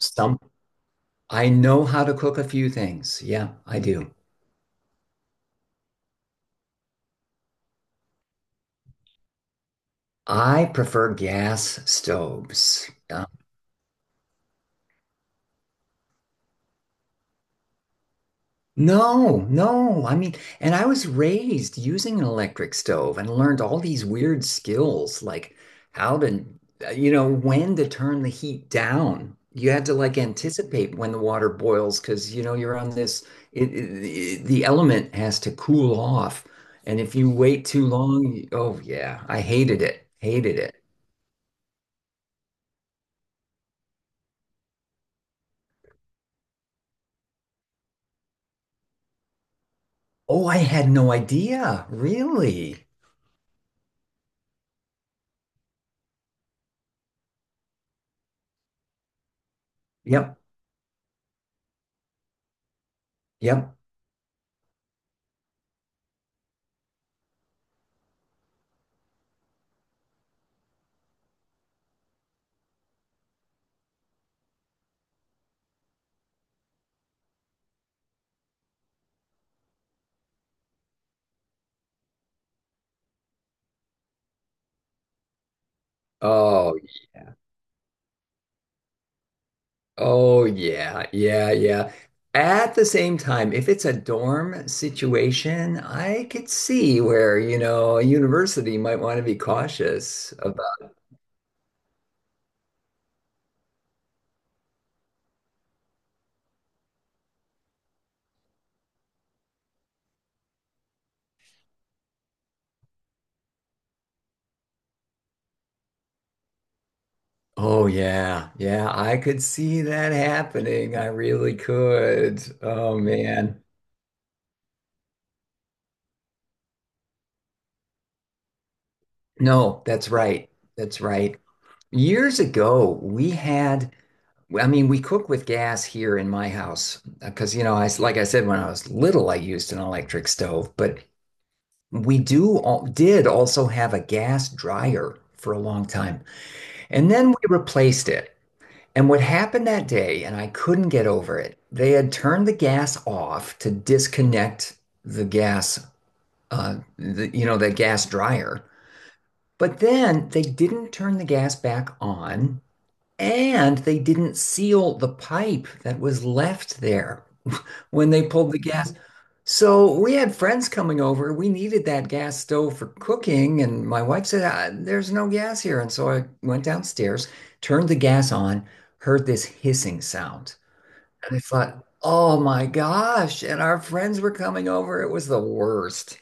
Some I know how to cook a few things. Yeah, I do. I prefer gas stoves. No, no. I mean, And I was raised using an electric stove and learned all these weird skills, like how to, you know, when to turn the heat down. You had to like anticipate when the water boils because, you're on this, the element has to cool off. And if you wait too long, oh yeah, I hated it. Hated it. Oh, I had no idea. Really? Yep. Yep. Oh, oh yeah. Yeah, yeah. At the same time, if it's a dorm situation, I could see where, you know, a university might want to be cautious about. Oh yeah. Yeah, I could see that happening. I really could. Oh man. No, that's right. That's right. Years ago, we had well, I mean, we cook with gas here in my house because, you know, I like I said, when I was little, I used an electric stove, but we do all, did also have a gas dryer for a long time. And then we replaced it. And what happened that day, and I couldn't get over it, they had turned the gas off to disconnect the gas, the, the gas dryer. But then they didn't turn the gas back on. And they didn't seal the pipe that was left there when they pulled the gas. So we had friends coming over. We needed that gas stove for cooking. And my wife said, "Ah, there's no gas here." And so I went downstairs, turned the gas on, heard this hissing sound. And I thought, oh my gosh. And our friends were coming over. It was the worst.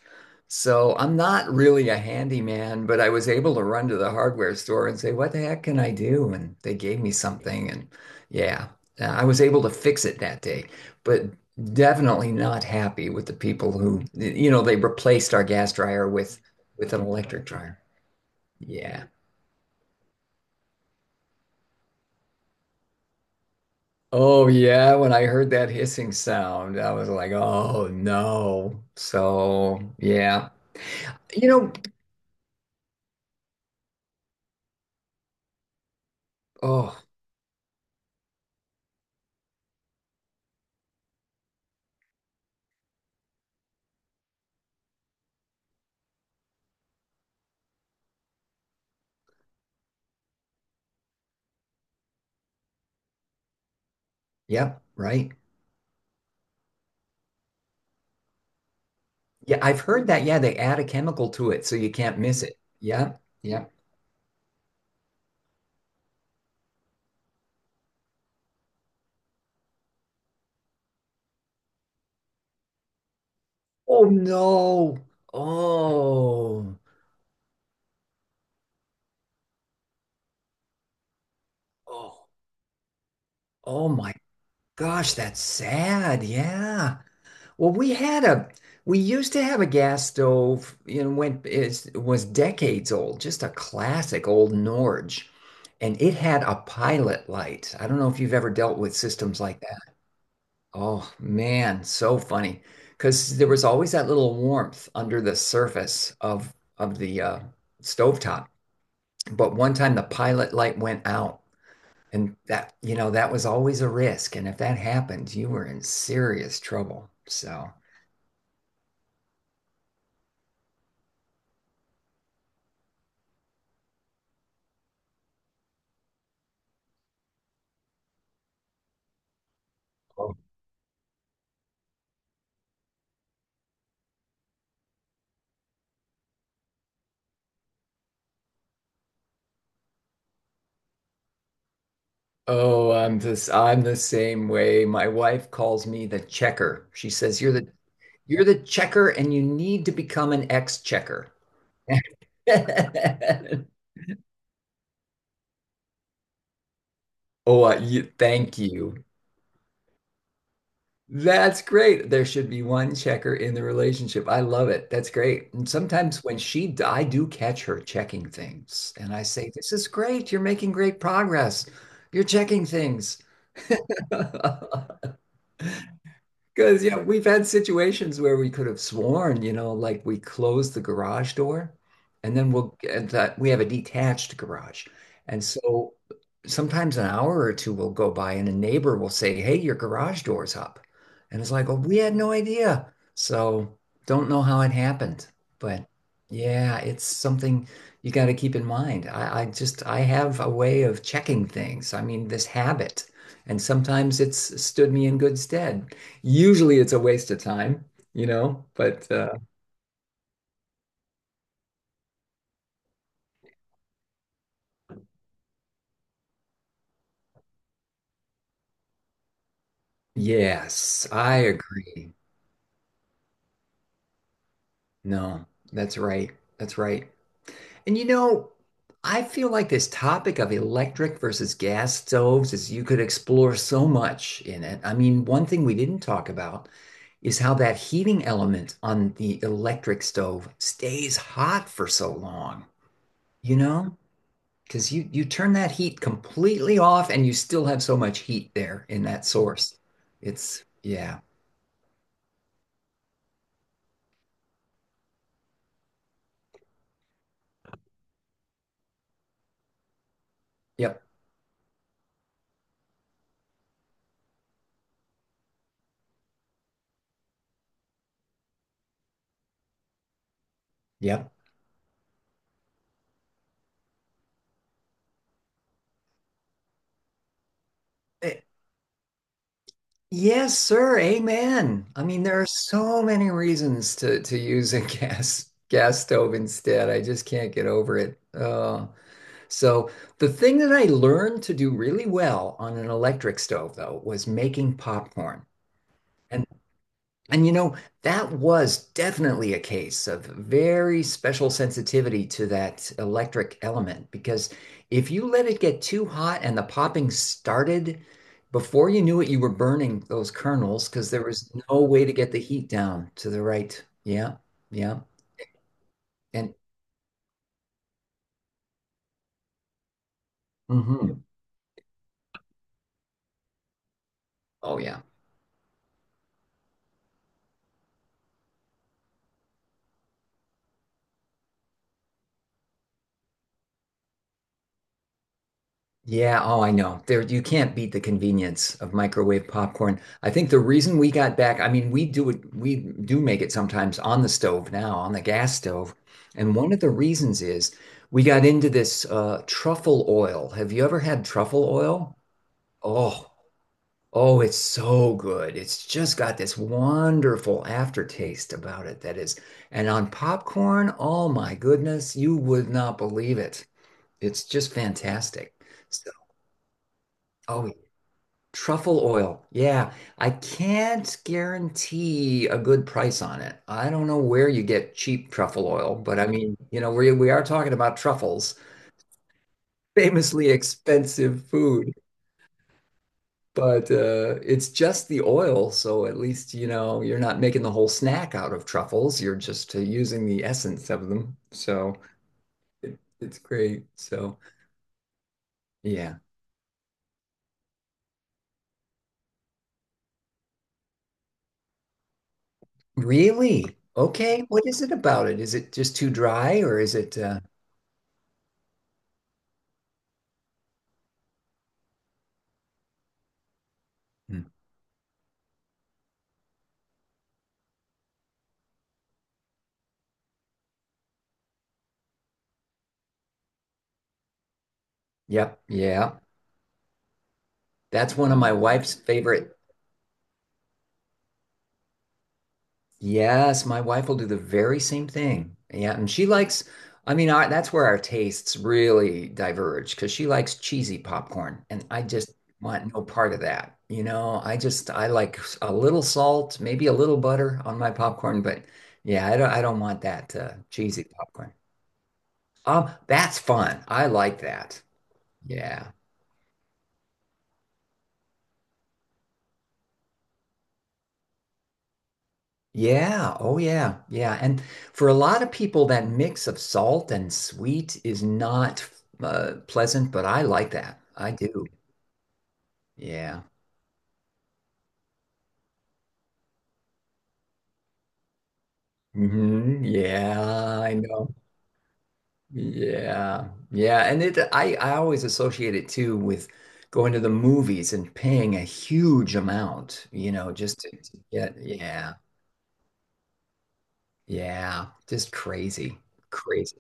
So I'm not really a handyman, but I was able to run to the hardware store and say, what the heck can I do? And they gave me something. And yeah, I was able to fix it that day, but definitely not happy with the people who, you know, they replaced our gas dryer with an electric dryer. Yeah. Oh yeah, when I heard that hissing sound, I was like, "Oh no." So, yeah. You know, oh, yep, right. Yeah, I've heard that. Yeah, they add a chemical to it so you can't miss it. Yeah. Yeah. Oh no. Oh. Oh. Oh my gosh, that's sad. Yeah. Well, we had a we used to have a gas stove, you know, went it was decades old, just a classic old Norge, and it had a pilot light. I don't know if you've ever dealt with systems like that. Oh man, so funny. Because there was always that little warmth under the surface of the stovetop. But one time the pilot light went out, and that, you know, that was always a risk. And if that happened, you were in serious trouble. So. Oh, I'm the same way. My wife calls me the checker. She says, "You're the you're the checker and you need to become an ex-checker." Oh, you, thank you. That's great. There should be one checker in the relationship. I love it. That's great. And sometimes when she, I do catch her checking things, and I say, "This is great. You're making great progress. You're checking things." Because, yeah, we've had situations where we could have sworn, you know, like we close the garage door and that we have a detached garage. And so sometimes an hour or two will go by and a neighbor will say, "Hey, your garage door's up." And it's like, "Oh, we had no idea." So don't know how it happened. But yeah, it's something you got to keep in mind. I just, I have a way of checking things. I mean, this habit. And sometimes it's stood me in good stead. Usually it's a waste of time, you know, but yes, I agree. No, that's right. That's right. And you know, I feel like this topic of electric versus gas stoves is you could explore so much in it. I mean, one thing we didn't talk about is how that heating element on the electric stove stays hot for so long, you know? Because you turn that heat completely off and you still have so much heat there in that source. It's yeah. Yep. Yep. Eh, yes, sir. Amen. I mean, there are so many reasons to use a gas stove instead. I just can't get over it. So the thing that I learned to do really well on an electric stove, though, was making popcorn. And you know, that was definitely a case of very special sensitivity to that electric element because if you let it get too hot and the popping started, before you knew it, you were burning those kernels because there was no way to get the heat down to the right. Yeah, yeah. And mhm. Oh, yeah. Yeah, oh, I know. There, you can't beat the convenience of microwave popcorn. I think the reason we got back, I mean, we do it, we do make it sometimes on the stove now, on the gas stove. And one of the reasons is we got into this truffle oil. Have you ever had truffle oil? Oh, oh, it's so good. It's just got this wonderful aftertaste about it that is. And on popcorn, oh my goodness, you would not believe it. It's just fantastic. So, oh truffle oil. Yeah, I can't guarantee a good price on it. I don't know where you get cheap truffle oil, but I mean, you know, we are talking about truffles, famously expensive food, but it's just the oil, so at least, you know, you're not making the whole snack out of truffles. You're just using the essence of them. So it, it's great. So, yeah. Really? Okay. What is it about it? Is it just too dry or is it hmm. Yep. Yeah. That's one of my wife's favorite. Yes, my wife will do the very same thing. Yeah, and she likes, I mean, our, that's where our tastes really diverge because she likes cheesy popcorn, and I just want no part of that. You know, I just I like a little salt, maybe a little butter on my popcorn, but yeah, I don't want that cheesy popcorn. That's fun. I like that. Yeah. Yeah. Oh, yeah. Yeah. And for a lot of people, that mix of salt and sweet is not pleasant, but I like that. I do. Yeah. hmm Yeah, I know. Yeah. Yeah. And it, I always associate it too with going to the movies and paying a huge amount, you know, just to get, yeah. Yeah. Just crazy. Crazy.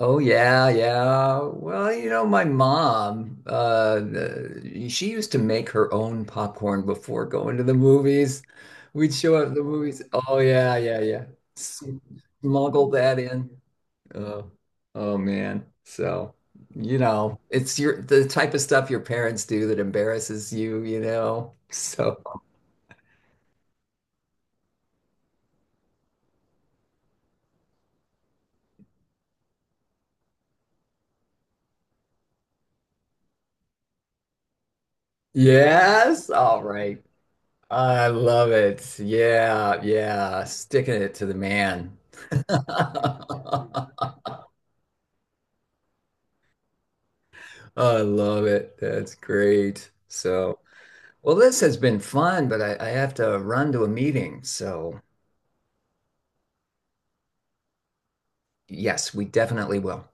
Oh yeah, yeah. Well, you know, my mom, she used to make her own popcorn before going to the movies. We'd show up at the movies. Oh yeah, yeah, yeah. Smuggle that in. Oh, oh man. So, you know, it's your the type of stuff your parents do that embarrasses you, you know. So, yes, all right. I love it. Yeah, yeah. Sticking it to the man. I love it. That's great. So, well, this has been fun, but I have to run to a meeting. So, yes, we definitely will.